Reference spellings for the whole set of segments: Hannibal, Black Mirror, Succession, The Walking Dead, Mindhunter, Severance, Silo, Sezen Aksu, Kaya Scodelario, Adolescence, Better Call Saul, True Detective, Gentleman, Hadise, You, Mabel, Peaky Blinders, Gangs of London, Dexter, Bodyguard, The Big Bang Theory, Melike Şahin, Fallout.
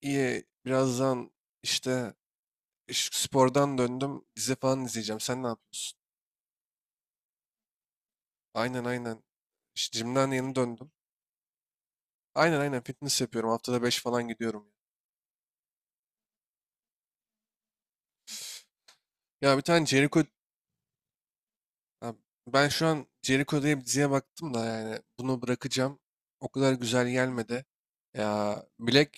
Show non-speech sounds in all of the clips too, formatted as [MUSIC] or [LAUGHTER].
İyi, birazdan işte spordan döndüm. Dizi falan izleyeceğim. Sen ne yapıyorsun? Aynen aynen. İşte jimden yeni döndüm. Aynen aynen fitness yapıyorum. Haftada 5 falan gidiyorum yani. Ya bir tane Jericho. Ha, ben şu an Jericho diye bir diziye baktım da yani bunu bırakacağım. O kadar güzel gelmedi. Ya Black,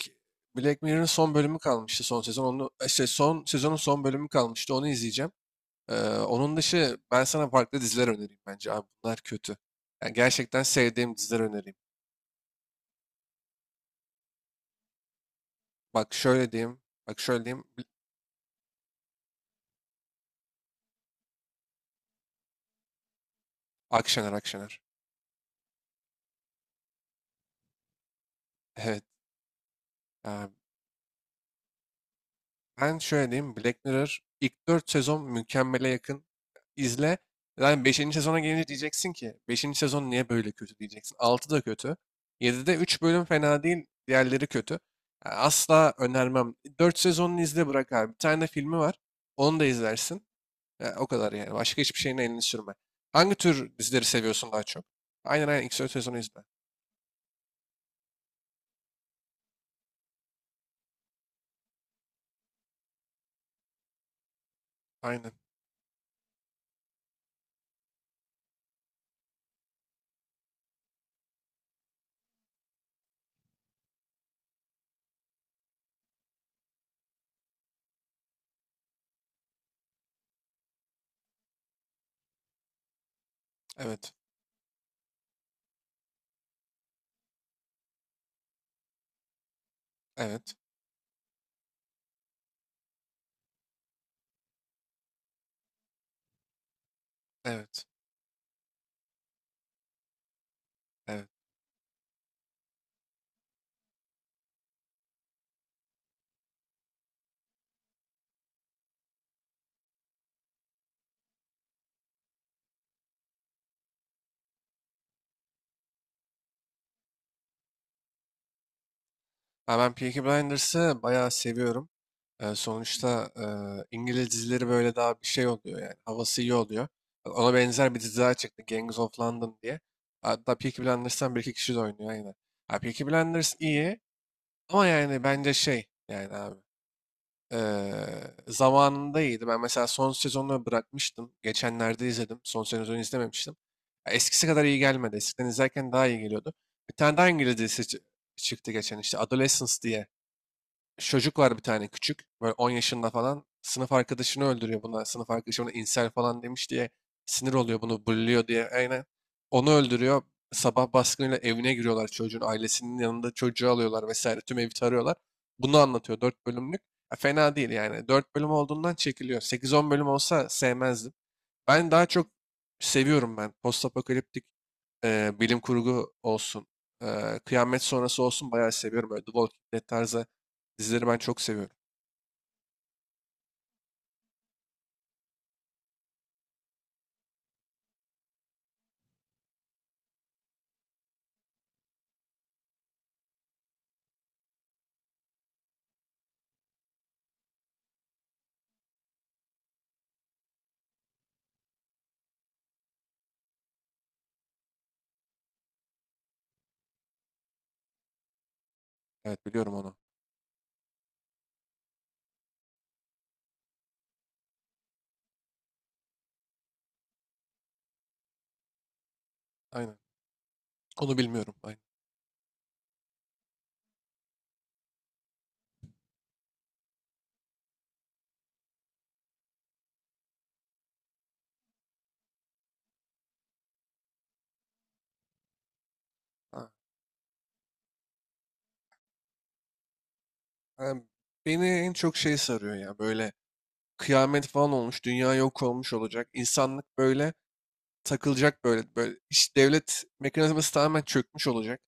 Black Mirror'ın son bölümü kalmıştı son sezon. Onu, işte son sezonun son bölümü kalmıştı. Onu izleyeceğim. Onun dışı ben sana farklı diziler önereyim bence abi bunlar kötü. Yani gerçekten sevdiğim diziler önereyim. Bak şöyle diyeyim, bak şöyle diyeyim. Akşener, Akşener. Evet. e, Ben şöyle diyeyim Black Mirror ilk 4 sezon mükemmele yakın. İzle. Yani beşinci sezona gelince diyeceksin ki beşinci sezon niye böyle kötü diyeceksin. 6 da kötü. 7'de 3 bölüm fena değil. Diğerleri kötü. Yani asla önermem. 4 sezonunu izle bırak abi. Bir tane de filmi var. Onu da izlersin. E o kadar yani. Başka hiçbir şeyin elini sürme. Hangi tür dizileri seviyorsun daha çok? Aynen aynen. İlk sezonu izle. Aynen. Evet. Evet. Evet. Evet. Ha, ben Peaky Blinders'ı bayağı seviyorum. Sonuçta İngiliz dizileri böyle daha bir şey oluyor yani. Havası iyi oluyor. Ona benzer bir dizi daha çıktı. Gangs of London diye. Hatta Peaky Blinders'tan bir iki kişi de oynuyor aynen. Ha, Peaky Blinders iyi ama yani bence şey yani abi. Eee, Zamanında iyiydi. Ben mesela son sezonunu bırakmıştım. Geçenlerde izledim. Son sezonu izlememiştim. Ya eskisi kadar iyi gelmedi. Eskiden izlerken daha iyi geliyordu. Bir tane daha İngiliz dizisi çıktı geçen işte. Adolescence diye çocuk var bir tane küçük. Böyle 10 yaşında falan. Sınıf arkadaşını öldürüyor buna. Sınıf arkadaşı ona insel falan demiş diye sinir oluyor bunu bulluyor diye. Aynen. Onu öldürüyor. Sabah baskınıyla evine giriyorlar çocuğun. Ailesinin yanında çocuğu alıyorlar vesaire. Tüm evi tarıyorlar. Bunu anlatıyor 4 bölümlük. Ya fena değil yani. Dört bölüm olduğundan çekiliyor. Sekiz on bölüm olsa sevmezdim. Ben daha çok seviyorum ben. Postapokaliptik bilim kurgu olsun, kıyamet sonrası olsun bayağı seviyorum. Böyle The Walking Dead tarzı dizileri ben çok seviyorum. Evet biliyorum onu. Aynen. Onu bilmiyorum. Aynen. Ha. Ben- Beni en çok şey sarıyor ya böyle kıyamet falan olmuş, dünya yok olmuş olacak. İnsanlık böyle takılacak böyle. Böyle iş devlet mekanizması tamamen çökmüş olacak.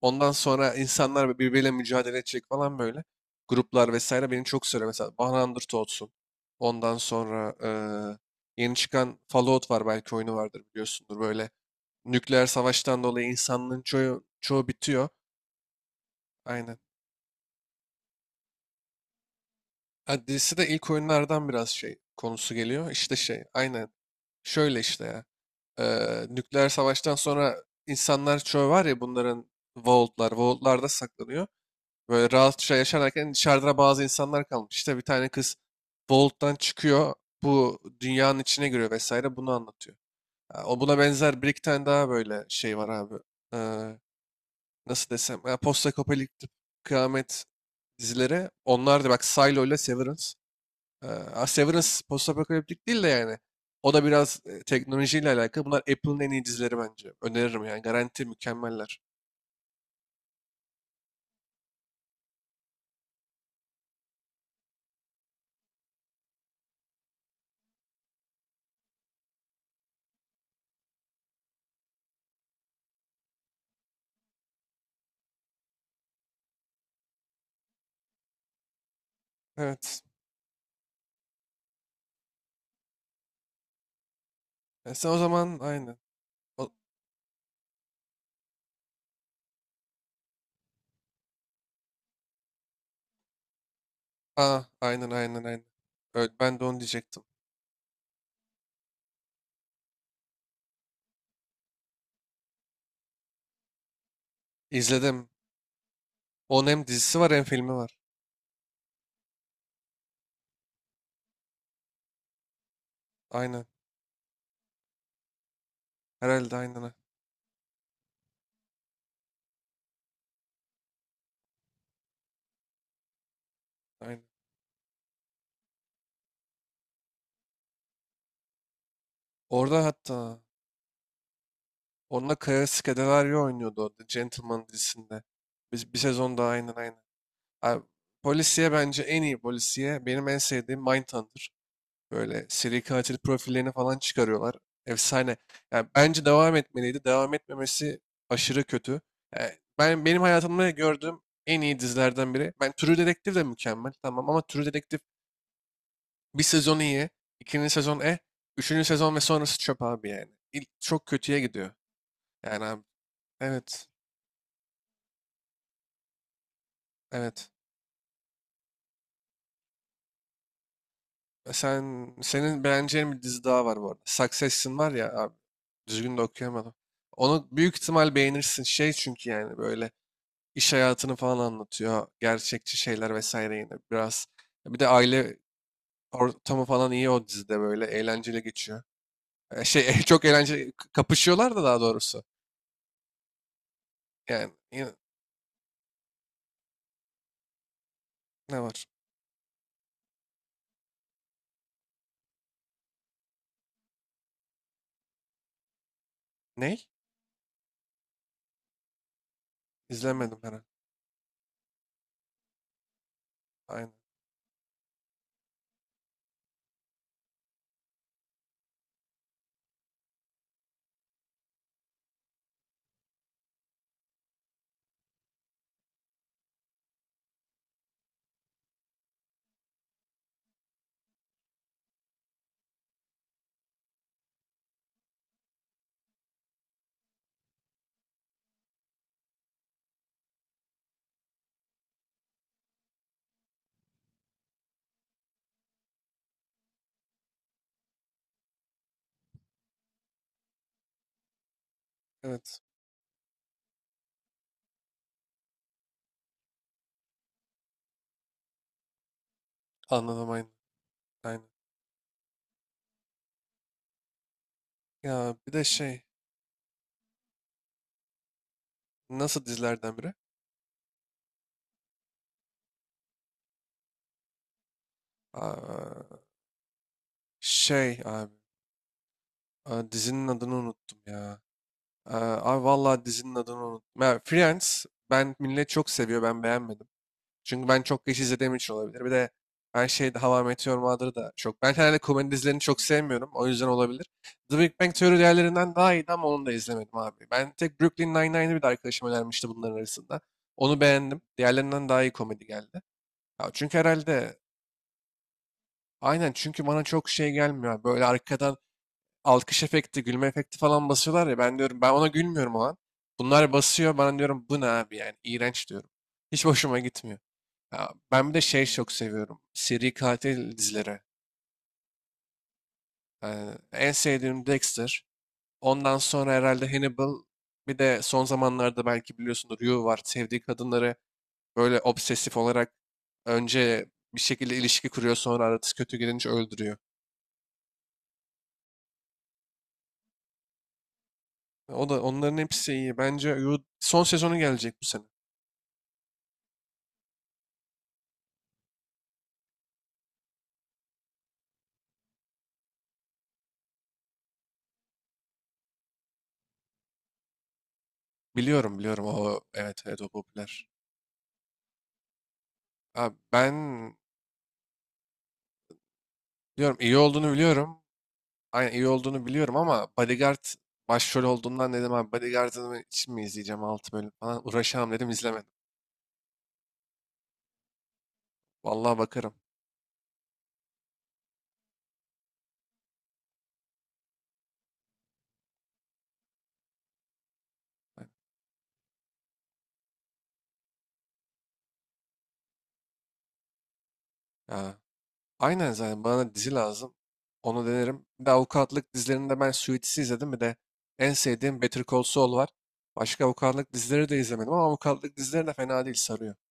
Ondan sonra insanlar birbiriyle mücadele edecek falan böyle. Gruplar vesaire beni çok sarıyor. Mesela 100 olsun. Ondan sonra yeni çıkan Fallout var belki oyunu vardır biliyorsundur. Böyle nükleer savaştan dolayı insanlığın çoğu bitiyor. Aynen. Adresi de ilk oyunlardan biraz şey konusu geliyor. İşte şey aynen. Şöyle işte ya. Nükleer savaştan sonra insanlar çoğu var ya bunların vaultlar. Vaultlarda saklanıyor. Böyle rahatça yaşarken dışarıda bazı insanlar kalmış. İşte bir tane kız Bolt'tan çıkıyor. Bu dünyanın içine giriyor vesaire bunu anlatıyor. Ha, o buna benzer bir iki tane daha böyle şey var abi. Ee, Nasıl desem? Ya, postapokaliptik kıyamet dizileri. Onlar da bak Silo ile Severance. Ha, Severance postapokaliptik değil de yani. O da biraz teknolojiyle alakalı. Bunlar Apple'ın en iyi dizileri bence. Öneririm yani. Garanti mükemmeller. Evet. E, sen o zaman aynı. O- Ha, aynen aynen aynen. Öyle, ben de onu diyecektim. İzledim. Onun hem dizisi var hem filmi var. Aynen. Herhalde aynen. Ha, aynen. Orada hatta onunla Kaya Scodelario oynuyordu orada Gentleman dizisinde. Biz bir sezon daha aynen aynen. Abi, polisiye bence en iyi polisiye benim en sevdiğim Mindhunter. Böyle seri katil profillerini falan çıkarıyorlar. Efsane. Yani bence devam etmeliydi. Devam etmemesi aşırı kötü. Yani ben benim hayatımda gördüğüm en iyi dizilerden biri. Ben True Detective de mükemmel. Tamam ama True Detective bir sezon iyi, ikinci sezon eh, üçüncü sezon ve sonrası çöp abi yani. İlk çok kötüye gidiyor. Yani abi, evet, evet. E, sen senin beğeneceğin bir dizi daha var bu arada. Succession var ya abi. Düzgün de okuyamadım. Onu büyük ihtimal beğenirsin. Şey çünkü yani böyle iş hayatını falan anlatıyor. Gerçekçi şeyler vesaire yine biraz. Bir de aile ortamı falan iyi o dizide böyle eğlenceli geçiyor. Şey [LAUGHS] çok eğlenceli kapışıyorlar da daha doğrusu. Yani ne var? Ney? İzlemedim herhalde. Aynen. Evet. Anladım aynen. Aynen. Ya bir de şey nasıl dizilerden biri? Aa, şey abi. Aa, dizinin adını unuttum ya. Aa, abi vallahi dizinin adını unuttum. Ya, Friends ben millet çok seviyor ben beğenmedim. Çünkü ben çok geç izlediğim için olabilir. Bir de her şey Hava Meteor Mother'ı da çok. Ben herhalde komedi dizilerini çok sevmiyorum. O yüzden olabilir. The Big Bang Theory diğerlerinden daha iyiydi ama onu da izlemedim abi. Ben tek Brooklyn Nine-Nine'ı bir de arkadaşım önermişti bunların arasında. Onu beğendim. Diğerlerinden daha iyi komedi geldi. Ya çünkü herhalde aynen çünkü bana çok şey gelmiyor. Böyle arkadan alkış efekti, gülme efekti falan basıyorlar ya. Ben diyorum ben ona gülmüyorum o an. Bunlar basıyor. Bana diyorum bu ne abi yani iğrenç diyorum. Hiç hoşuma gitmiyor. Ya ben bir de şey çok seviyorum. Seri katil dizileri. Yani en sevdiğim Dexter. Ondan sonra herhalde Hannibal. Bir de son zamanlarda belki biliyorsunuz You var. Sevdiği kadınları böyle obsesif olarak önce bir şekilde ilişki kuruyor sonra arası kötü gidince öldürüyor. O da onların hepsi iyi. Bence You son sezonu gelecek bu sene. Biliyorum biliyorum o evet evet o popüler. Abi ben biliyorum iyi olduğunu biliyorum. Aynen iyi olduğunu biliyorum ama Bodyguard başrol olduğundan dedim abi Bodyguard'ını için mi izleyeceğim 6 bölüm falan uğraşamam dedim izlemedim. Vallahi bakarım. Ya, aynen zaten bana dizi lazım. Onu denerim. Bir de avukatlık dizilerinde ben Suits'i izledim. Bir de en sevdiğim Better Call Saul var. Başka avukatlık dizileri de izlemedim ama avukatlık dizileri de fena değil sarıyor.